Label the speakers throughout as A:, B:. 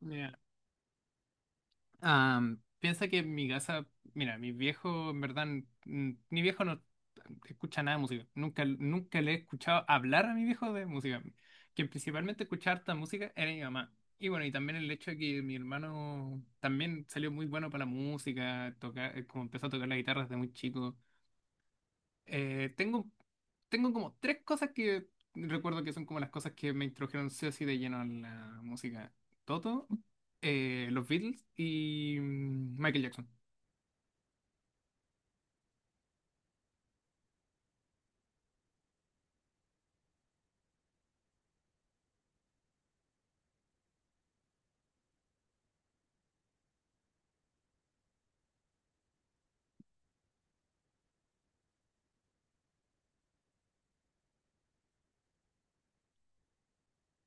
A: Mira, piensa que en mi casa, mira, mi viejo, en verdad, mi viejo no escucha nada de música. Nunca, nunca le he escuchado hablar a mi viejo de música. Quien principalmente escuchaba harta música era mi mamá. Y bueno, y también el hecho de que mi hermano también salió muy bueno para la música, tocar, como empezó a tocar la guitarra desde muy chico. Eh, tengo, tengo como tres cosas que recuerdo que son como las cosas que me introdujeron sí o sí de lleno a la música. Toto, los Beatles y Michael Jackson.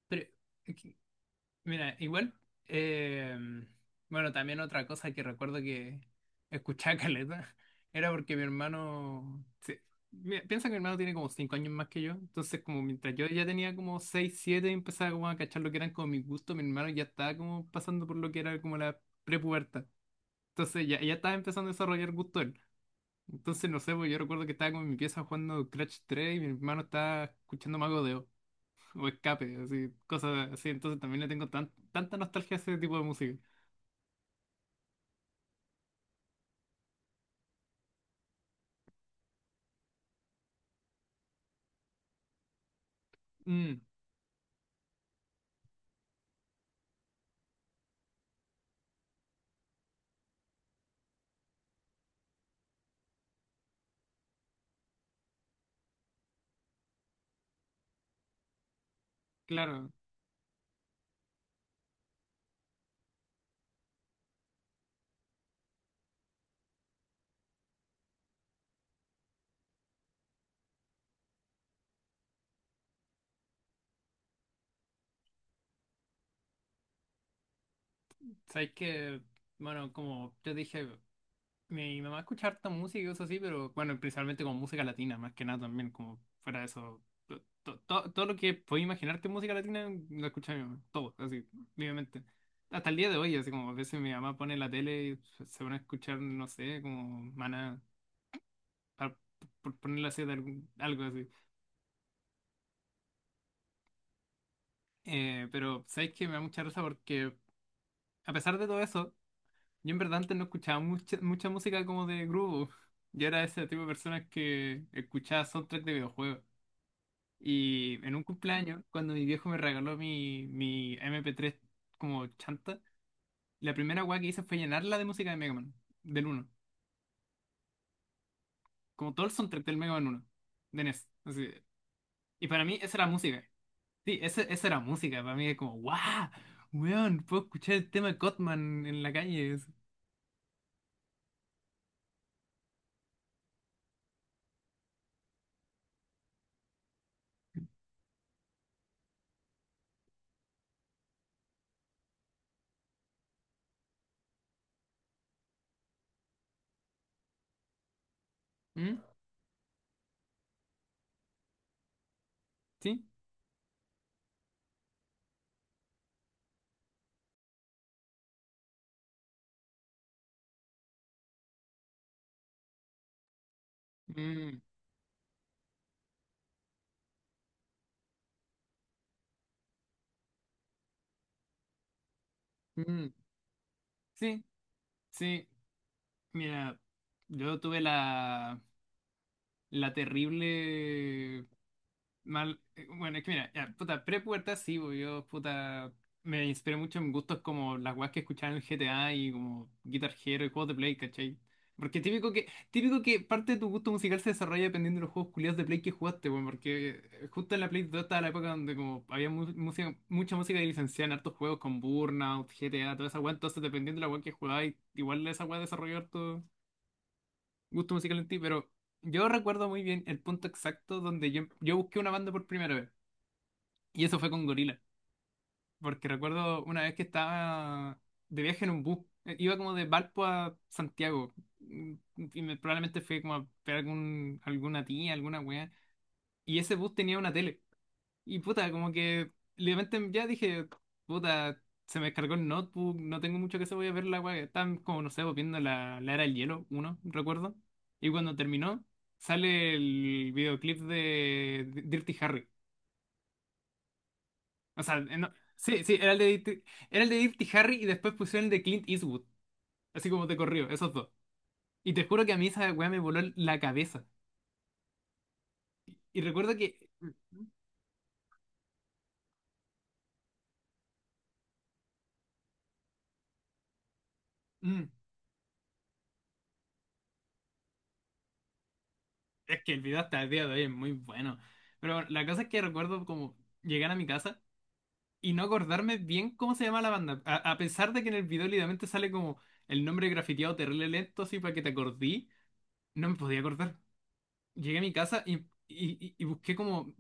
A: Pero, ok, Mira, igual, eh, bueno, también otra cosa que recuerdo que escuchaba caleta era porque mi hermano, sí, mira, piensa que mi hermano tiene como 5 años más que yo, entonces como mientras yo ya tenía como 6 7 y empezaba como a cachar lo que eran como mis gustos, mi hermano ya estaba como pasando por lo que era como la prepubertad, entonces ya, ya estaba empezando a desarrollar gusto él. Entonces, no sé, pues yo recuerdo que estaba como en mi pieza jugando Crash 3 y mi hermano estaba escuchando Mago de Oz o escape, así, cosas así. Entonces también le tengo tanta nostalgia a ese tipo de música. Mm, claro, sabes que, bueno, como yo dije, mi mamá escucha harta música y cosas así, pero bueno, principalmente como música latina, más que nada también, como fuera de eso. Todo lo que podía imaginarte en música latina lo escucha mi mamá, todo, así, libremente. Hasta el día de hoy, así como a veces mi mamá pone la tele y se pone a escuchar, no sé, como Maná, pa- por ponerle así de algo así. Pero sabéis que me da mucha risa porque, a pesar de todo eso, yo en verdad antes no escuchaba mucha música como de grupo. Yo era ese tipo de personas que escuchaba soundtrack de videojuegos. Y en un cumpleaños, cuando mi viejo me regaló mi mp tres como chanta, la primera weá que hice fue llenarla de música de Mega Man, del 1. Como todo el soundtrack del Mega Man 1 de NES. Así. Y para mí, esa era música. Sí, esa era música. Para mí es como, ¡guau! Weón, puedo escuchar el tema de Cotman en la calle. ¿Mm? ¿Sí? Mm, mm, sí, sí. Mira, yo tuve la terrible. Mal, bueno, es que mira, ya, puta, pre-pubertad sí, bo, yo, puta, me inspiré mucho en gustos como las weas que escuchaba en el GTA y como Guitar Hero y juegos de Play, ¿cachai? Porque típico que parte de tu gusto musical se desarrolla dependiendo de los juegos culiados de Play que jugaste, bueno, porque justo en la Play 2 estaba la época donde como había mucha música licenciada en hartos juegos con Burnout, GTA, toda esa wea, entonces dependiendo de la wea que jugabas, igual esa wea desarrolló harto gusto musical en ti, pero yo recuerdo muy bien el punto exacto donde yo busqué una banda por primera vez. Y eso fue con Gorila, porque recuerdo una vez que estaba de viaje en un bus, iba como de Valpo a Santiago, mm, y probablemente fui como a ver alguna tía, alguna wea, y ese bus tenía una tele, y puta, como que de repente ya dije, puta, se me descargó el notebook, no tengo mucho que hacer, voy a ver la wea, estaban como, no sé, pues, viendo la Era del Hielo, uno, recuerdo, y cuando terminó, sale el videoclip de Dirty Harry. O sea, sí, sí, era el de, era el de Dirty Harry y después pusieron el de Clint Eastwood, así como te corrió, esos dos. Y te juro que a mí esa weá me voló la cabeza. Y recuerdo que... mm, es que el video hasta el día de hoy es muy bueno. Pero bueno, la cosa es que recuerdo como llegar a mi casa y no acordarme bien cómo se llama la banda. A pesar de que en el video literalmente sale como el nombre grafiteado terrible lento, así para que te acordí, no me podía acordar. Llegué a mi casa y, busqué como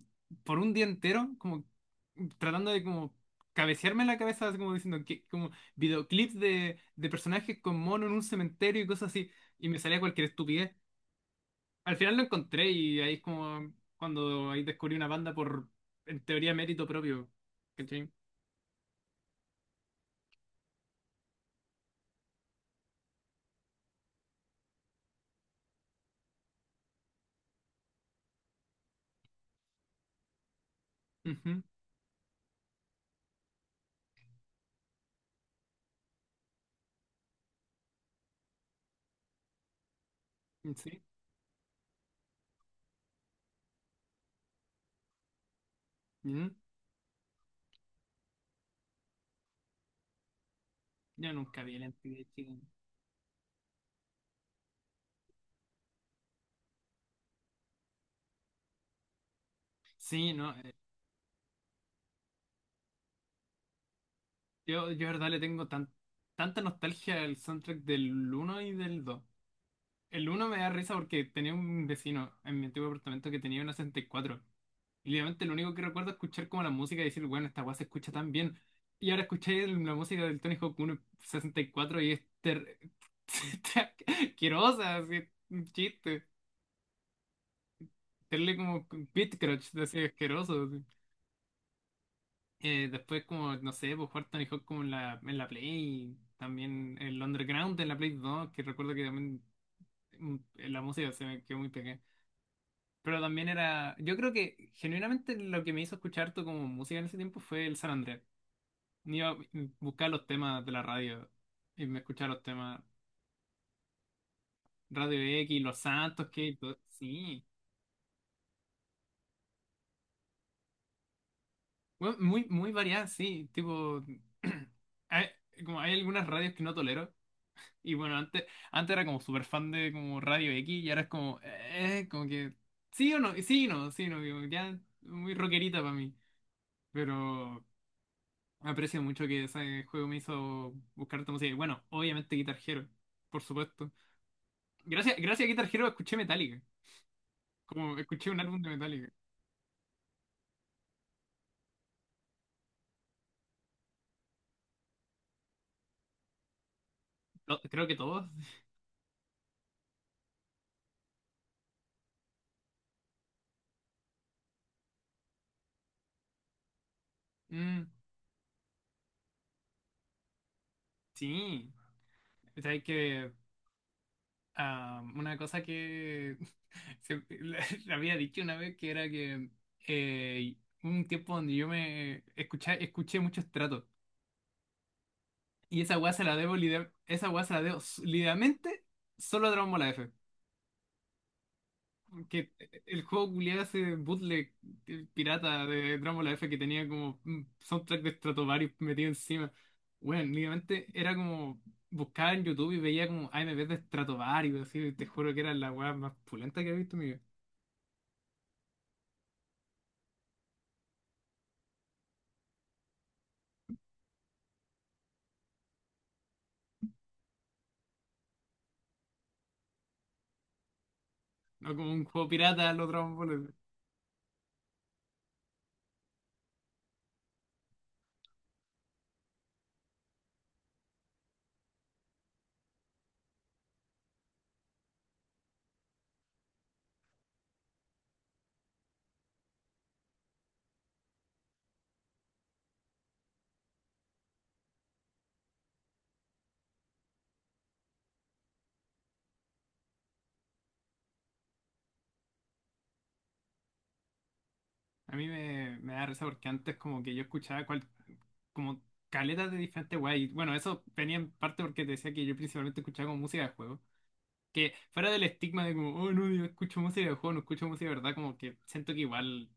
A: por un día entero, como tratando de como cabecearme la cabeza, así como diciendo que como videoclips de personajes con mono en un cementerio y cosas así, y me salía cualquier estupidez. Al final lo encontré y ahí es como cuando ahí descubrí una banda por, en teoría, mérito propio. ¿Cachai? Ujú, mm, sí. Ujú. Yo nunca vi el MTV, chico. Sí, no. De verdad, le tengo tan, tanta nostalgia al soundtrack del uno y del 2. El uno me da risa porque tenía un vecino en mi antiguo apartamento que tenía una 64. Y cuatro. Y obviamente lo único que recuerdo es escuchar como la música y decir, bueno, esta weá se escucha tan bien. Y ahora escuché la música del Tony Hawk 1 en 64 y es ter... asquerosa, así, un chiste. Tenerle como beat crunch, así, asqueroso, así. Después como, no sé, pues jugar Tony Hawk como en en la Play, también el Underground en la Play 2, que recuerdo que también mm, la música se me quedó muy pegada. Pero también era, yo creo que genuinamente lo que me hizo escuchar todo como música en ese tiempo fue el San Andrés. Iba a buscar los temas de la radio y me escuchaba los temas Radio X, Los Santos, que sí. Bueno, muy variada, sí. Tipo, hay, como hay algunas radios que no tolero. Y bueno, antes era como súper fan de como Radio X y ahora es como, como que sí o no, sí y no, como ya muy rockerita para mí. Pero aprecio mucho que ese juego me hizo buscar esta música. Y bueno, obviamente Guitar Hero, por supuesto. Gracias a Guitar Hero escuché Metallica. Como escuché un álbum de Metallica. Creo que todos. Mm, sí. Sabes que ah, una cosa que se- le había dicho una vez que era que eh, hubo un tiempo donde yo escuché mucho Stratos. Y esa weá se la debo, lide- esa weá se la debo literalmente solo a Dragon Ball F. Que el juego culiado ese bootleg, el pirata de Drácula F, que tenía como un soundtrack de Stratovarius metido encima. Bueno, únicamente era como buscaba en YouTube y veía como a M AMVs de Stratovarius, así, te juro que era la weá más pulenta que he visto en mi vida. No como un juego pirata los Dragon Ball. A me da risa porque antes como que yo escuchaba cual, como caletas de diferentes weas. Y bueno, eso venía en parte porque te decía que yo principalmente escuchaba como música de juego. Que fuera del estigma de como, oh, no, yo escucho música de juego, no escucho música de verdad, como que siento que igual.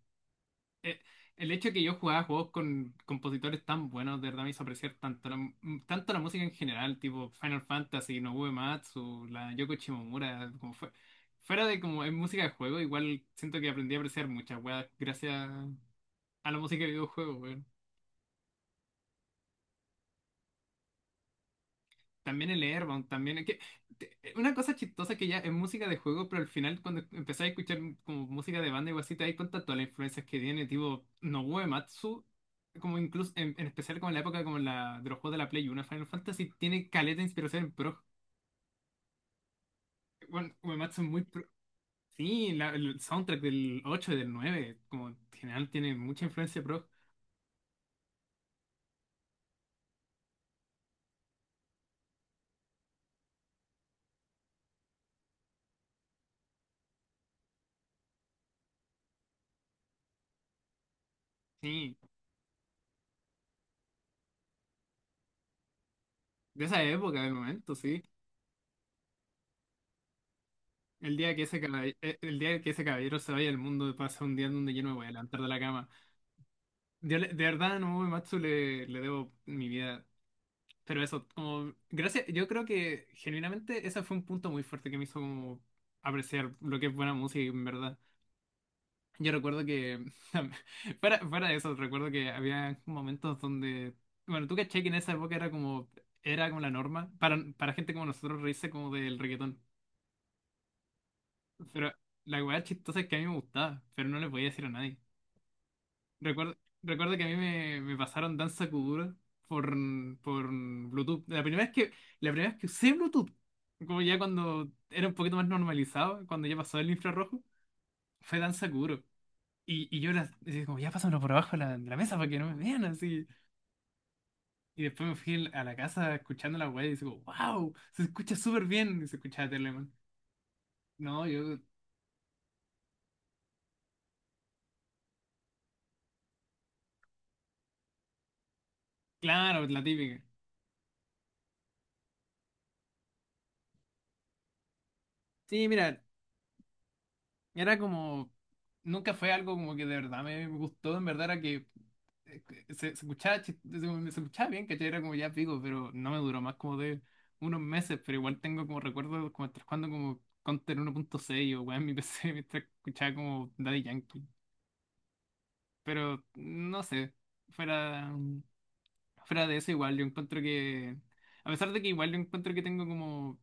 A: eh, el hecho de que yo jugaba juegos con compositores tan buenos, de verdad me hizo apreciar tanto tanto la música en general, tipo Final Fantasy, Nobuo Uematsu, la Yoko Shimomura, como fue. Fuera de como es música de juego, igual siento que aprendí a apreciar muchas weas gracias a la música de videojuegos. También el Airbound, también. Es que, una cosa chistosa que ya es música de juego, pero al final cuando empecé a escuchar como música de banda y así, te das cuenta todas las influencias que tiene, tipo Nobuo Matsu como incluso, en especial como en la época como de los juegos de la Play 1, Final Fantasy tiene caleta de inspiración en pro. Bueno, Uematsu es muy pro. Sí, el soundtrack del 8 y del 9 como en general tiene mucha influencia pro. Sí, de esa época, del momento, sí. El día que ese caballero, el día que ese caballero se vaya al mundo pasa un día donde yo no me voy a levantar de la cama. Yo de verdad, no Matsu le debo mi vida. Pero eso, como, gracias, yo creo que genuinamente ese fue un punto muy fuerte que me hizo como apreciar lo que es buena música, en verdad. Yo recuerdo que, fuera de eso, recuerdo que había momentos donde, bueno, tú caché que en esa época era como la norma para gente como nosotros reírse como del reggaetón. Pero la weá chistosa es que a mí me gustaba, pero no le podía decir a nadie. Recuerdo, recuerdo que a me pasaron Danza Kuduro por, por Bluetooth. La primera vez que usé Bluetooth, como ya cuando era un poquito más normalizado, cuando ya pasó el infrarrojo, fue Danza Kuduro. Y yo las, decía como, ya pásamelo por abajo de de la mesa para que no me vean así. Y después me fui a la casa escuchando la web y digo, wow, se escucha súper bien. Y se escuchaba Telemann. No, yo, claro, la típica. Sí, mira, era como, nunca fue algo como que de verdad me gustó, en verdad era que eh, se escuchaba, se escuchaba bien, ¿cachai? Era como ya pico, pero no me duró más como de unos meses, pero igual tengo como recuerdos como estar jugando como Counter 1.6 o weá en mi PC mientras escuchaba como Daddy Yankee. Pero no sé, fuera, fuera de eso igual yo encuentro que, a pesar de que igual yo encuentro que tengo como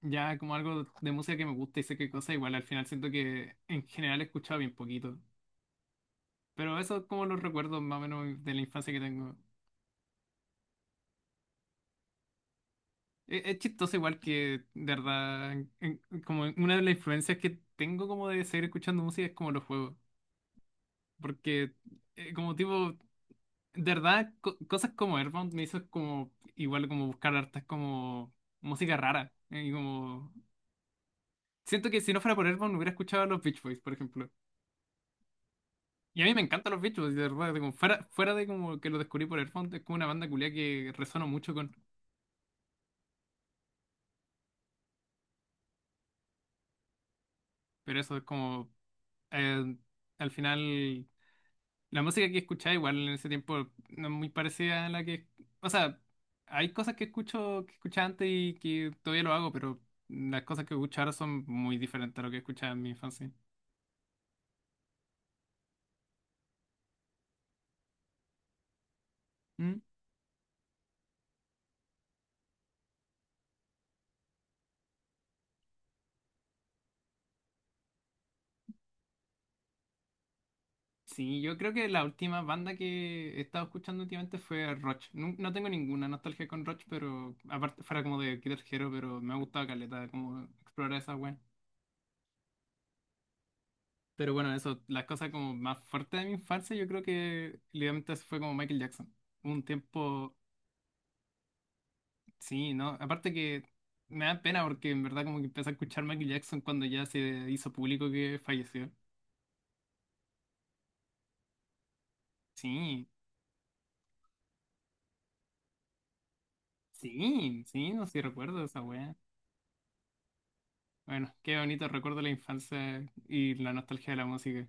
A: ya como algo de música que me gusta y sé qué cosa, igual al final siento que en general he escuchado bien poquito. Pero eso es como los recuerdos más o menos de la infancia que tengo. Es chistoso igual que, de verdad, como una de las influencias que tengo como de seguir escuchando música es como los juegos. Porque eh, como tipo, de verdad, cosas como Earthbound me hizo como igual como buscar hartas como música rara. Y como... siento que si no fuera por Earthbound hubiera escuchado a los Beach Boys, por ejemplo. Y a mí me encantan los Beach Boys, de verdad. Como fuera de como que lo descubrí por Earthbound, es como una banda culia que resono mucho con. Pero eso es como... eh, al final, la música que escuchaba igual en ese tiempo no es muy parecida a la que... O sea, hay cosas que escucho, que escuchaba antes y que todavía lo hago, pero las cosas que escucho ahora son muy diferentes a lo que escuchaba en mi infancia. ¿Mm? Sí, yo creo que la última banda que he estado escuchando últimamente fue Roch. No, no tengo ninguna nostalgia con Roch, pero aparte fuera como de Guitar Hero, pero me ha gustado caleta como explorar esa wea. Pero bueno, eso, las cosas como más fuertes de mi infancia, yo creo que literalmente eso fue como Michael Jackson. Un tiempo, sí, ¿no? Aparte que me da pena porque en verdad como que empecé a escuchar Michael Jackson cuando ya se hizo público que falleció. Sí, sí, no sé si recuerdo esa wea. Bueno, qué bonito recuerdo la infancia y la nostalgia de la música.